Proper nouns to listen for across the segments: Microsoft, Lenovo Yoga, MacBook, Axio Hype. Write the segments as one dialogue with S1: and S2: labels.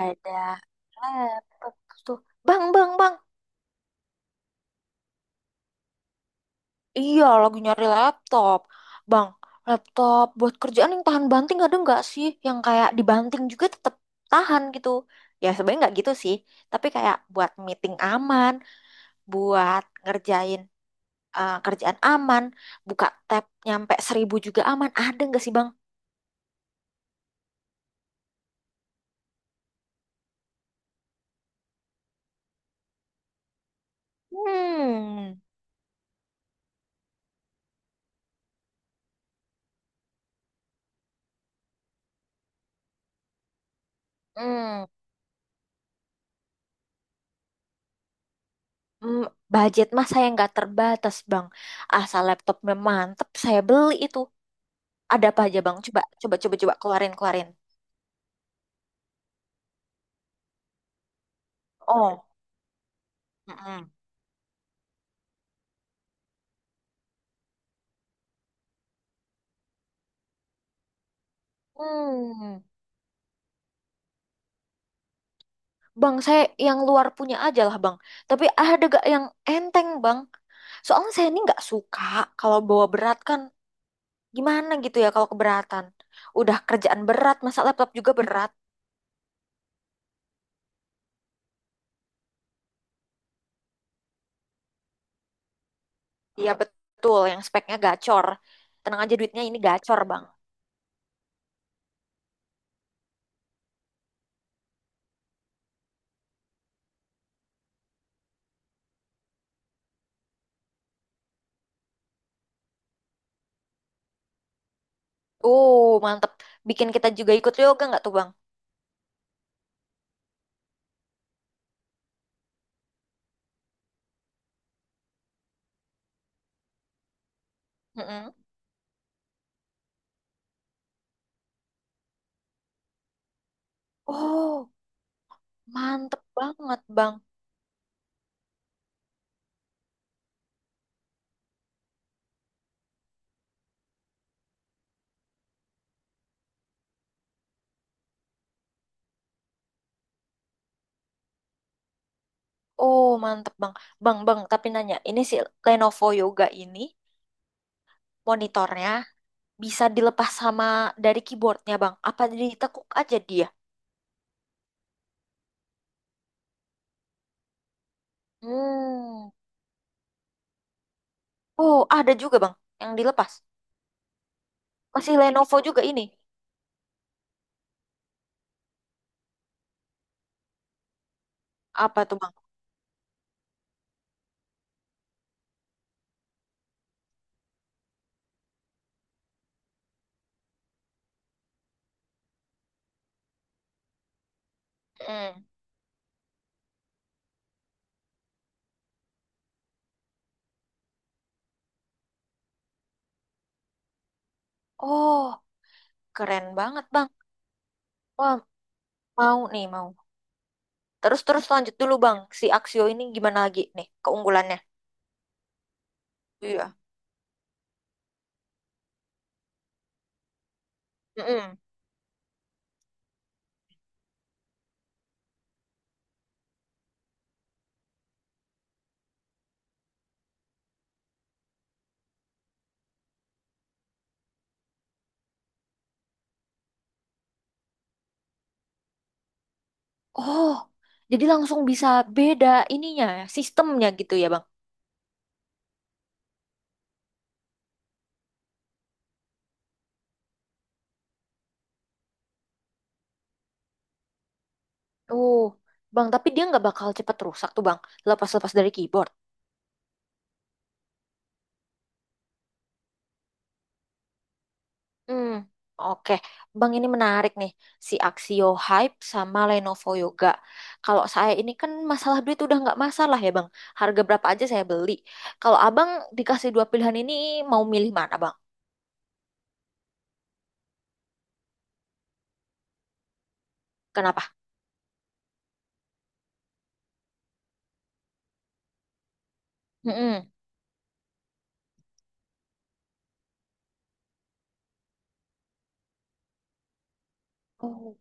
S1: Ada laptop. Terus tuh, bang, bang, bang. Iya, lagi nyari laptop, bang. Laptop buat kerjaan yang tahan banting. Ada nggak sih yang kayak dibanting juga tetap tahan gitu? Ya sebenarnya nggak gitu sih, tapi kayak buat meeting aman, buat ngerjain, eh, kerjaan aman. Buka tab nyampe 1.000 juga aman. Ada nggak sih, bang? Hmm. Hmm. hmm, Budget mah saya nggak terbatas, bang. Asal laptopnya mantep, saya beli itu. Ada apa aja, Bang? Coba, coba, coba, coba, keluarin, keluarin. Oh. Mm-mm. Hmm. Bang, saya yang luar punya aja lah, Bang. Tapi ada gak yang enteng, Bang? Soalnya saya ini nggak suka kalau bawa berat kan. Gimana gitu ya kalau keberatan? Udah kerjaan berat, masa laptop juga berat? Iya betul, yang speknya gacor. Tenang aja duitnya ini gacor, Bang. Oh, mantep. Bikin kita juga ikut yoga nggak tuh, Bang? Mm-mm. Oh, mantep banget, Bang. Oh, mantep, Bang. Bang, Bang, tapi nanya, ini si Lenovo Yoga ini monitornya bisa dilepas sama dari keyboardnya, Bang. Apa ditekuk aja dia? Hmm. Oh, ada juga, Bang, yang dilepas. Masih Lenovo juga ini. Apa tuh, Bang? Hmm. Oh, keren banget, Bang. Wah, mau nih, mau. Terus-terus lanjut dulu, Bang. Si Axio ini gimana lagi nih keunggulannya? Iya. Mm-mm. Oh, jadi langsung bisa beda ininya, sistemnya gitu ya, Bang? Uh, Bang, tapi dia nggak bakal cepat rusak tuh, bang, lepas-lepas dari keyboard. Hmm, oke. Bang, ini menarik nih, si Axio Hype sama Lenovo Yoga. Kalau saya ini kan masalah duit udah nggak masalah ya, bang. Harga berapa aja saya beli. Kalau abang dikasih dua pilihan ini, mau milih mana, bang? Kenapa? Mm-mm. Oh.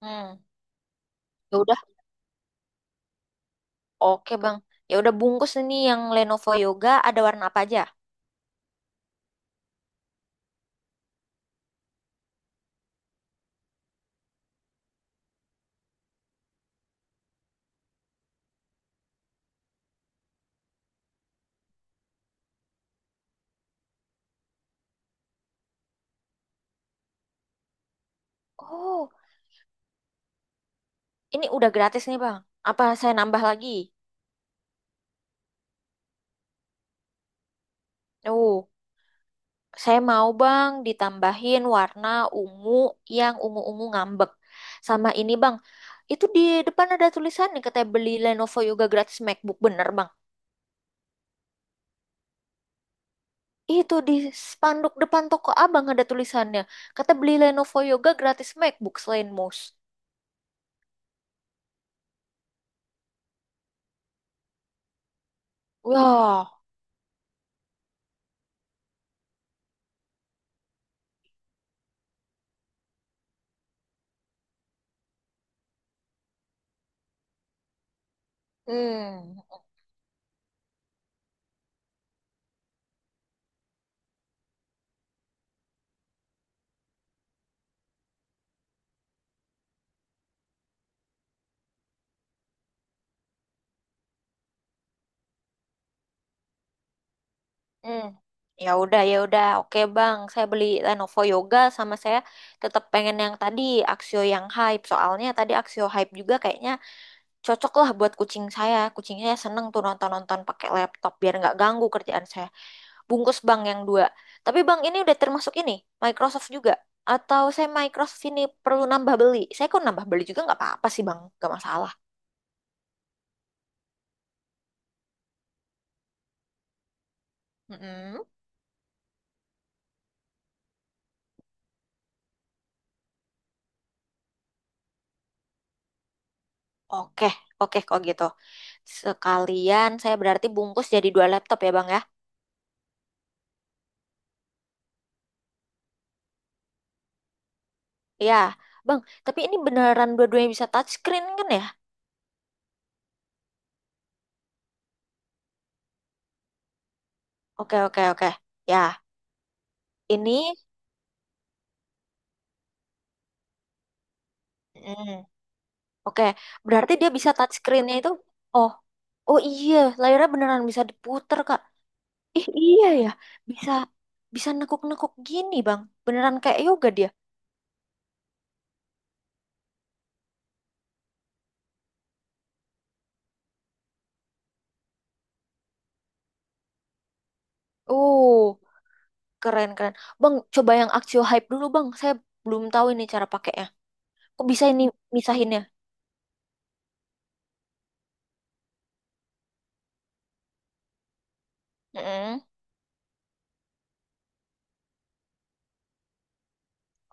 S1: Hmm. Ya udah, oke, bang. Ya udah, bungkus ini yang Lenovo Yoga. Ada warna apa aja? Oh, ini udah gratis nih, bang. Apa saya nambah lagi? Oh. Saya mau, bang, ditambahin warna ungu, yang ungu-ungu ngambek. Sama ini, bang, itu di depan ada tulisan nih katanya beli Lenovo Yoga gratis MacBook, bener, bang? Itu di spanduk depan toko abang ada tulisannya. Kata beli Lenovo Yoga gratis MacBook selain mouse. Wah. Hmm. Hmm. Ya udah, oke, bang. Saya beli Lenovo Yoga sama saya tetap pengen yang tadi Axio yang hype. Soalnya tadi Axio hype juga kayaknya cocok lah buat kucing saya. Kucingnya seneng tuh nonton-nonton pakai laptop biar nggak ganggu kerjaan saya. Bungkus, bang, yang dua. Tapi bang ini udah termasuk ini Microsoft juga? Atau saya Microsoft ini perlu nambah beli? Saya kok nambah beli juga nggak apa-apa sih, bang, nggak masalah. Mm-mm. Oke, oke kok gitu. Sekalian saya berarti bungkus jadi dua laptop ya, bang, ya. Ya, bang. Tapi ini beneran dua-duanya bisa touchscreen kan ya? Oke, oke, oke. Ya, ini. Mm. Oke, berarti dia bisa touch screen-nya itu. Oh, oh iya, layarnya beneran bisa diputer, Kak. Ih, iya ya. Bisa bisa nekuk-nekuk gini, Bang. Beneran kayak yoga dia. Oh, keren keren. Bang, coba yang Axio Hype dulu, Bang. Saya belum tahu ini cara pakainya. Kok bisa ini misahinnya? Mm-mm.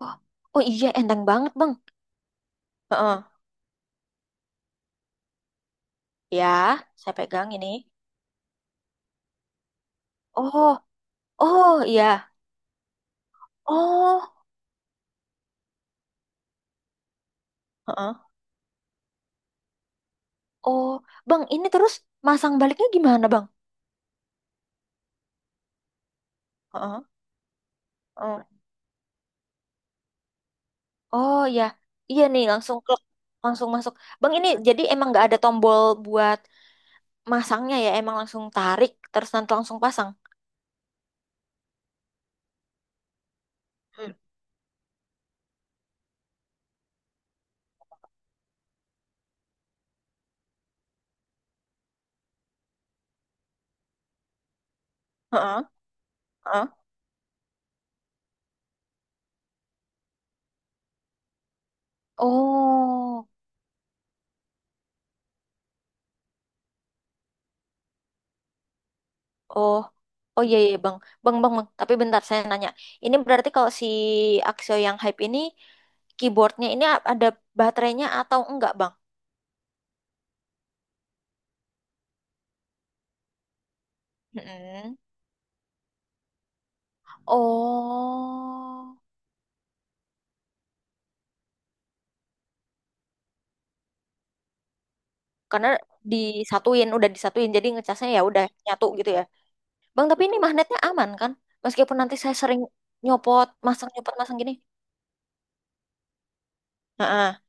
S1: Oh, oh iya, enteng banget, Bang. Heeh. Ya, saya pegang ini. Oh, oh iya. Oh. Heeh. Oh, Bang, ini terus masang baliknya gimana, Bang? Heeh. Oh, oh ya, iya nih langsung klik, langsung masuk. Bang ini jadi emang nggak ada tombol buat masangnya ya, emang langsung tarik terus nanti langsung pasang. Hmm. Heeh, heeh. Oh, oh, oh iya iya, bang, bang bang bang. Tapi bentar saya nanya, ini berarti kalau si Axio yang hype ini keyboardnya ini ada baterainya atau enggak, bang? Mm-mm. Oh, karena disatuin, udah disatuin, jadi ngecasnya ya udah nyatu gitu ya. Bang, tapi ini magnetnya aman kan? Meskipun nanti saya sering nyopot, masang gini. Heeh.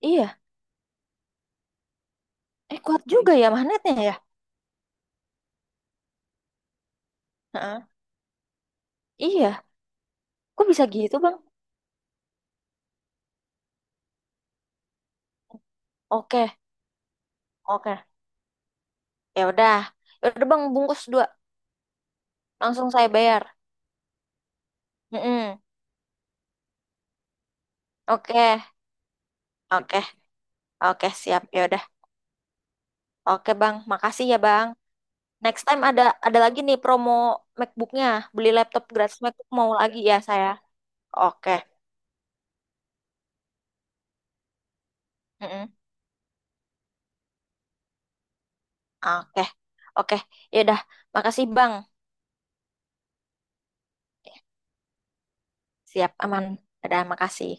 S1: Iya. Eh, kuat juga ya magnetnya ya? Heeh. Iya. Kok bisa gitu, Bang? Oke, oke. Ya udah. Ya udah, Bang, bungkus dua. Langsung saya bayar. Mm-mm. Oke, oke, oke, siap. Ya udah. Oke, Bang. Makasih ya, Bang. Next time ada lagi nih promo MacBook-nya. Beli laptop gratis MacBook mau lagi ya saya. Oke. Mm-mm. Oke. Oke. Ya udah. Makasih, Bang. Siap, aman. Dadah, makasih.